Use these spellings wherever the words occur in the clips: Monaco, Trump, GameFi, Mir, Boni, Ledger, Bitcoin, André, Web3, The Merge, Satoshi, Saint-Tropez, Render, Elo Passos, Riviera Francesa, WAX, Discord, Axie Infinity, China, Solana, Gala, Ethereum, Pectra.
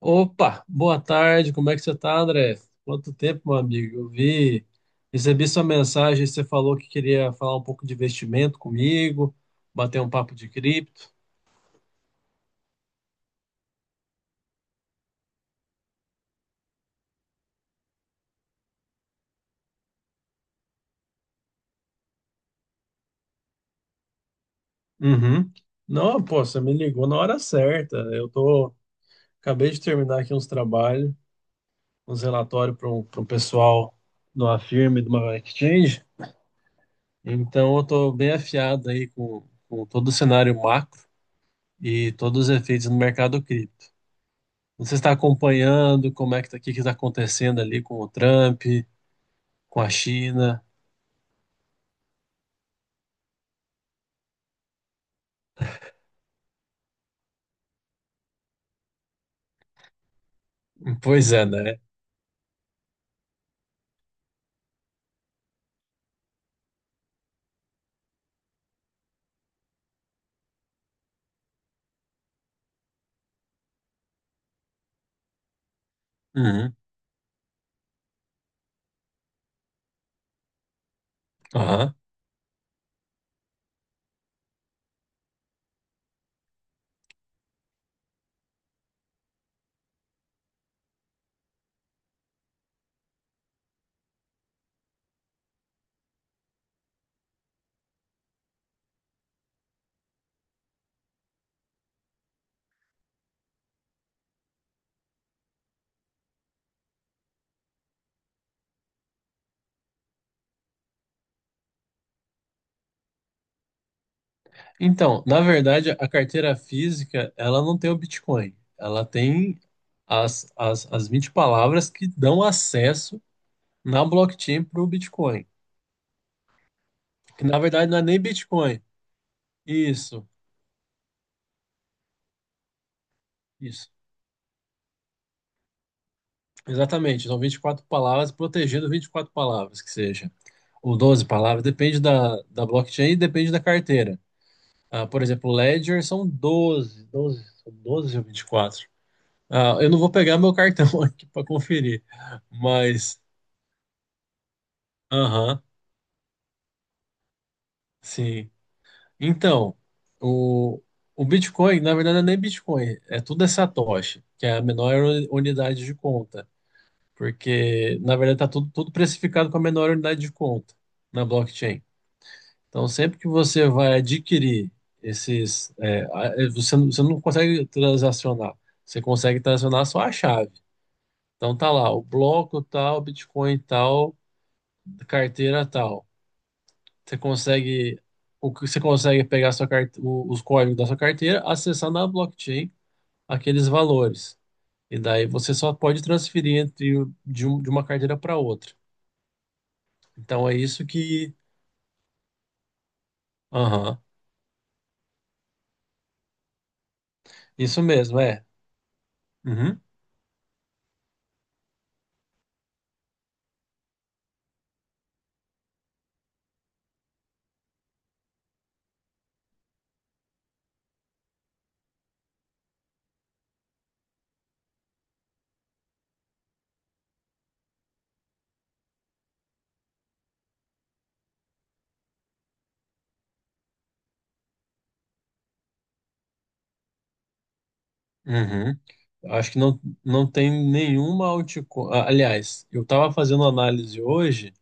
Opa, boa tarde, como é que você tá, André? Quanto tempo, meu amigo? Eu vi, recebi sua mensagem, você falou que queria falar um pouco de investimento comigo, bater um papo de cripto. Uhum. Não, pô, você me ligou na hora certa. Acabei de terminar aqui uns trabalhos, uns relatórios para pra um pessoal de uma firma, e de uma exchange. Então eu tô bem afiado aí com todo o cenário macro e todos os efeitos no mercado cripto. Você está acompanhando como é que tá, o que está acontecendo ali com o Trump, com a China? Pois é, né? Uhum. Aham. Então, na verdade, a carteira física, ela não tem o Bitcoin. Ela tem as 20 palavras que dão acesso na blockchain para o Bitcoin. Que na verdade não é nem Bitcoin. Isso, isso. Exatamente. São 24 palavras, protegendo 24 palavras, que seja. Ou 12 palavras, depende da blockchain e depende da carteira. Ah, por exemplo, Ledger são doze são 12 ou 24. Ah, eu não vou pegar meu cartão aqui para conferir, mas, aham, sim. Então, o, o Bitcoin, na verdade, não é nem Bitcoin, é tudo é Satoshi, que é a menor unidade de conta, porque, na verdade, tá tudo precificado com a menor unidade de conta na blockchain. Então, sempre que você vai adquirir esses, você, você não consegue transacionar, você consegue transacionar só a chave. Então, tá lá, o bloco tal, Bitcoin tal, carteira tal. Você consegue, o que você consegue pegar a sua os códigos da sua carteira, acessar na blockchain aqueles valores. E daí você só pode transferir entre, o- de, um- de uma carteira para outra. Então, é isso que. Aham, isso mesmo, é. Uhum, uhum. Acho que não, não tem nenhuma altcoin. Ah, aliás, eu estava fazendo análise hoje,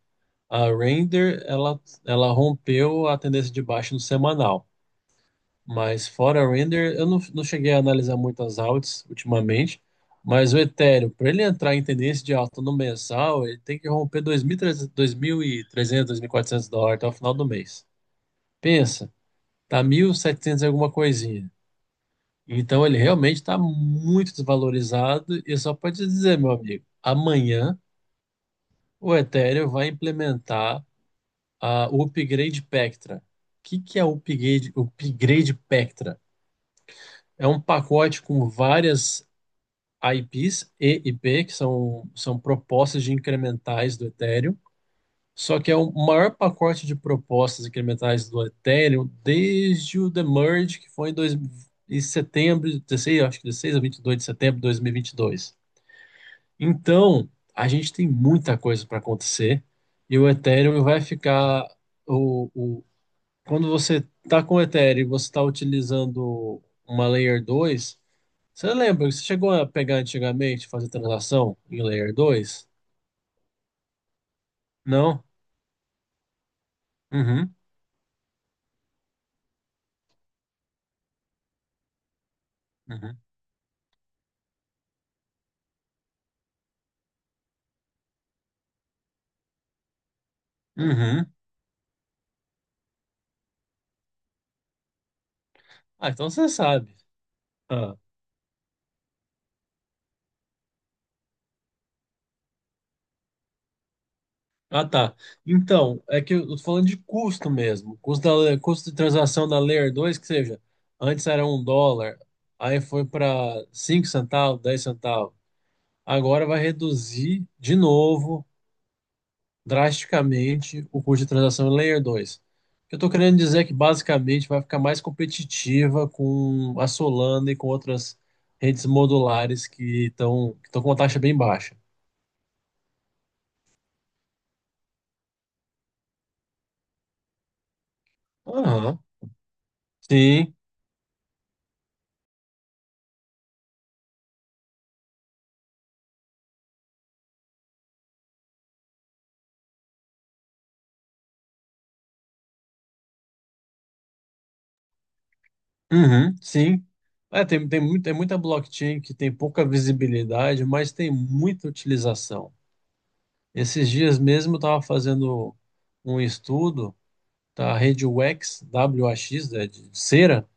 a Render ela rompeu a tendência de baixa no semanal. Mas fora a Render, eu não cheguei a analisar muitas altas ultimamente. Mas o Ethereum, para ele entrar em tendência de alta no mensal, ele tem que romper 2.300, 2.300, 400 dólares até o final do mês. Pensa, tá 1.700 e 700 e alguma coisinha. Então ele realmente está muito desvalorizado e só pode te dizer, meu amigo, amanhã o Ethereum vai implementar o Upgrade Pectra. O que, que é o Upgrade, Upgrade Pectra? É um pacote com várias IPs e IP, que são propostas de incrementais do Ethereum, só que é o maior pacote de propostas incrementais do Ethereum desde o The Merge, que foi em setembro, 16, acho que 16 a vinte e dois de setembro de dois mil e vinte e dois. Então, a gente tem muita coisa para acontecer e o Ethereum vai ficar o, o- quando você está com o Ethereum, e você está utilizando uma Layer 2. Você lembra que você chegou a pegar antigamente, fazer transação em Layer 2? Não? Uhum, uhum, uhum. Ah, então você sabe. Ah. Ah, tá. Então, é que eu tô falando de custo mesmo. Custo, custo de transação da Layer 2 que seja, antes era 1 dólar, aí foi para 5 centavos, 10 centavos. Agora vai reduzir de novo, drasticamente, o custo de transação em Layer 2. O que eu estou querendo dizer é que basicamente vai ficar mais competitiva com a Solana e com outras redes modulares que estão com uma taxa bem baixa. Aham. Sim. Uhum, sim. É, tem muita blockchain que tem pouca visibilidade, mas tem muita utilização. Esses dias mesmo eu estava fazendo um estudo da rede WAX, WAX, né, de cera.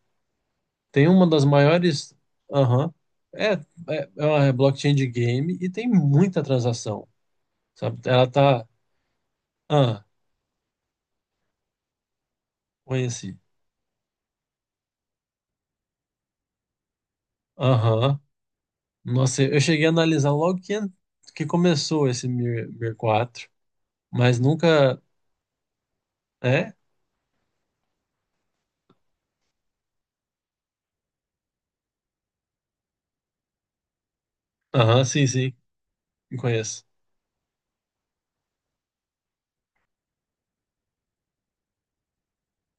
Tem uma das maiores. Aham. é, é uma blockchain de game e tem muita transação. Sabe? Ela tá. Ah, conheci. Aham. Nossa, eu cheguei a analisar logo que começou esse Mir, Mir 4 mas nunca. É, aham, sim, sim, me conheço.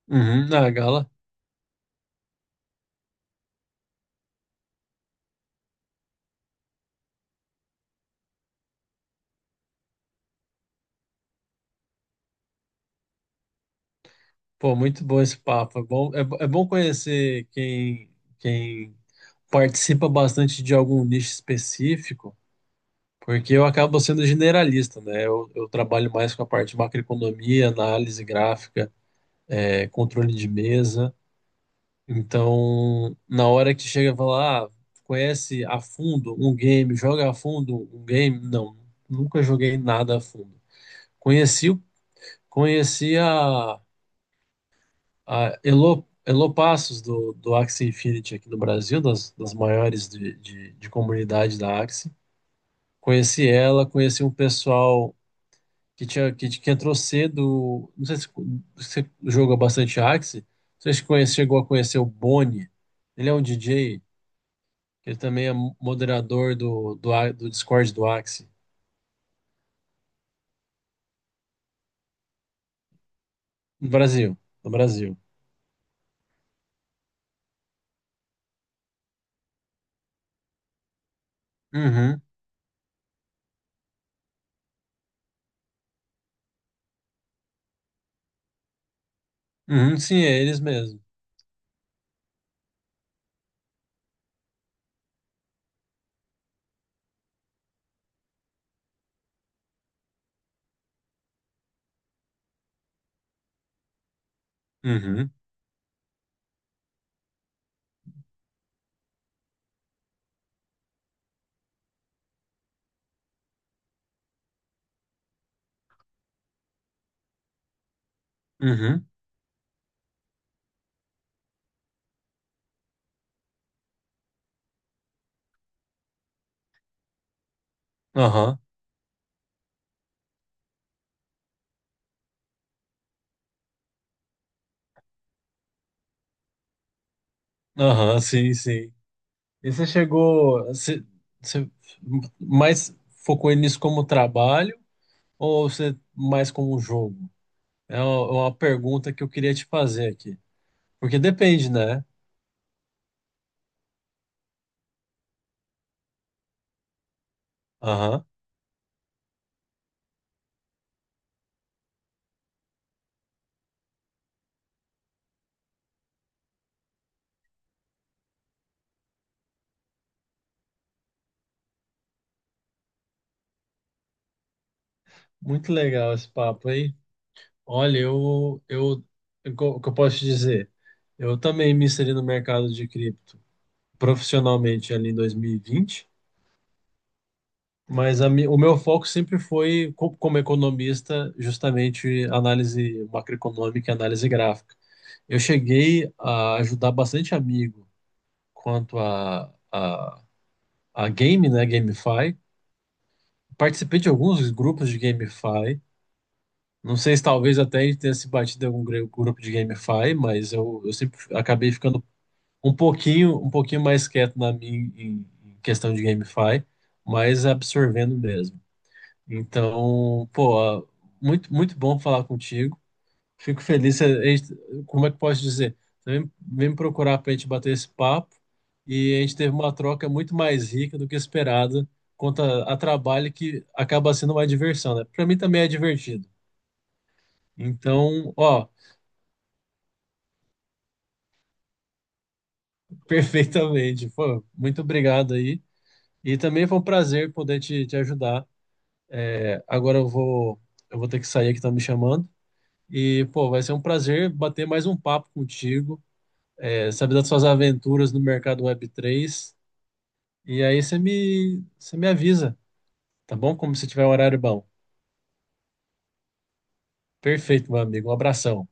Uhum, na Gala. Pô, muito bom esse papo. É bom, conhecer quem participa bastante de algum nicho específico, porque eu acabo sendo generalista, né? Eu trabalho mais com a parte de macroeconomia, análise gráfica, controle de mesa. Então, na hora que chega e fala, ah, conhece a fundo um game, joga a fundo um game? Não, nunca joguei nada a fundo. Conheci, conheci a Elo, Elo Passos, do Axie Infinity aqui no Brasil, das maiores de comunidade da Axie. Conheci ela, conheci um pessoal que entrou cedo. Não sei se você joga bastante Axie. Não sei se conhece, chegou a conhecer o Boni. Ele é um DJ, ele também é moderador do Discord do Axie. No Brasil, no Brasil. Uhum, uhum, sim, é eles mesmo. Uhum, uhum, aham, aham, sim, sim. E você mais focou nisso como trabalho ou você mais como um jogo? É uma pergunta que eu queria te fazer aqui. Porque depende, né? Aham. Muito legal esse papo aí. Olha, o que eu posso te dizer? Eu também me inseri no mercado de cripto profissionalmente ali em 2020. Mas o meu foco sempre foi, como economista, justamente análise macroeconômica e análise gráfica. Eu cheguei a ajudar bastante amigo quanto a game, né, GameFi. Participei de alguns grupos de GameFi. Não sei se talvez até a gente tenha se batido em algum grupo de GameFi, mas eu sempre acabei ficando um pouquinho mais quieto na minha em em questão de GameFi, mas absorvendo mesmo. Então, pô, muito, muito bom falar contigo. Fico feliz. Como é que posso dizer? Você vem me procurar para a gente bater esse papo e a gente teve uma troca muito mais rica do que esperada quanto a trabalho que acaba sendo uma diversão, né? Para mim também é divertido. Então, ó, perfeitamente. Pô, muito obrigado aí. E também foi um prazer poder te ajudar. É, agora eu vou ter que sair que estão me chamando. E, pô, vai ser um prazer bater mais um papo contigo. É, sabe das suas aventuras no mercado Web3. E aí você me avisa, tá bom? Como se tiver um horário bom. Perfeito, meu amigo. Um abração.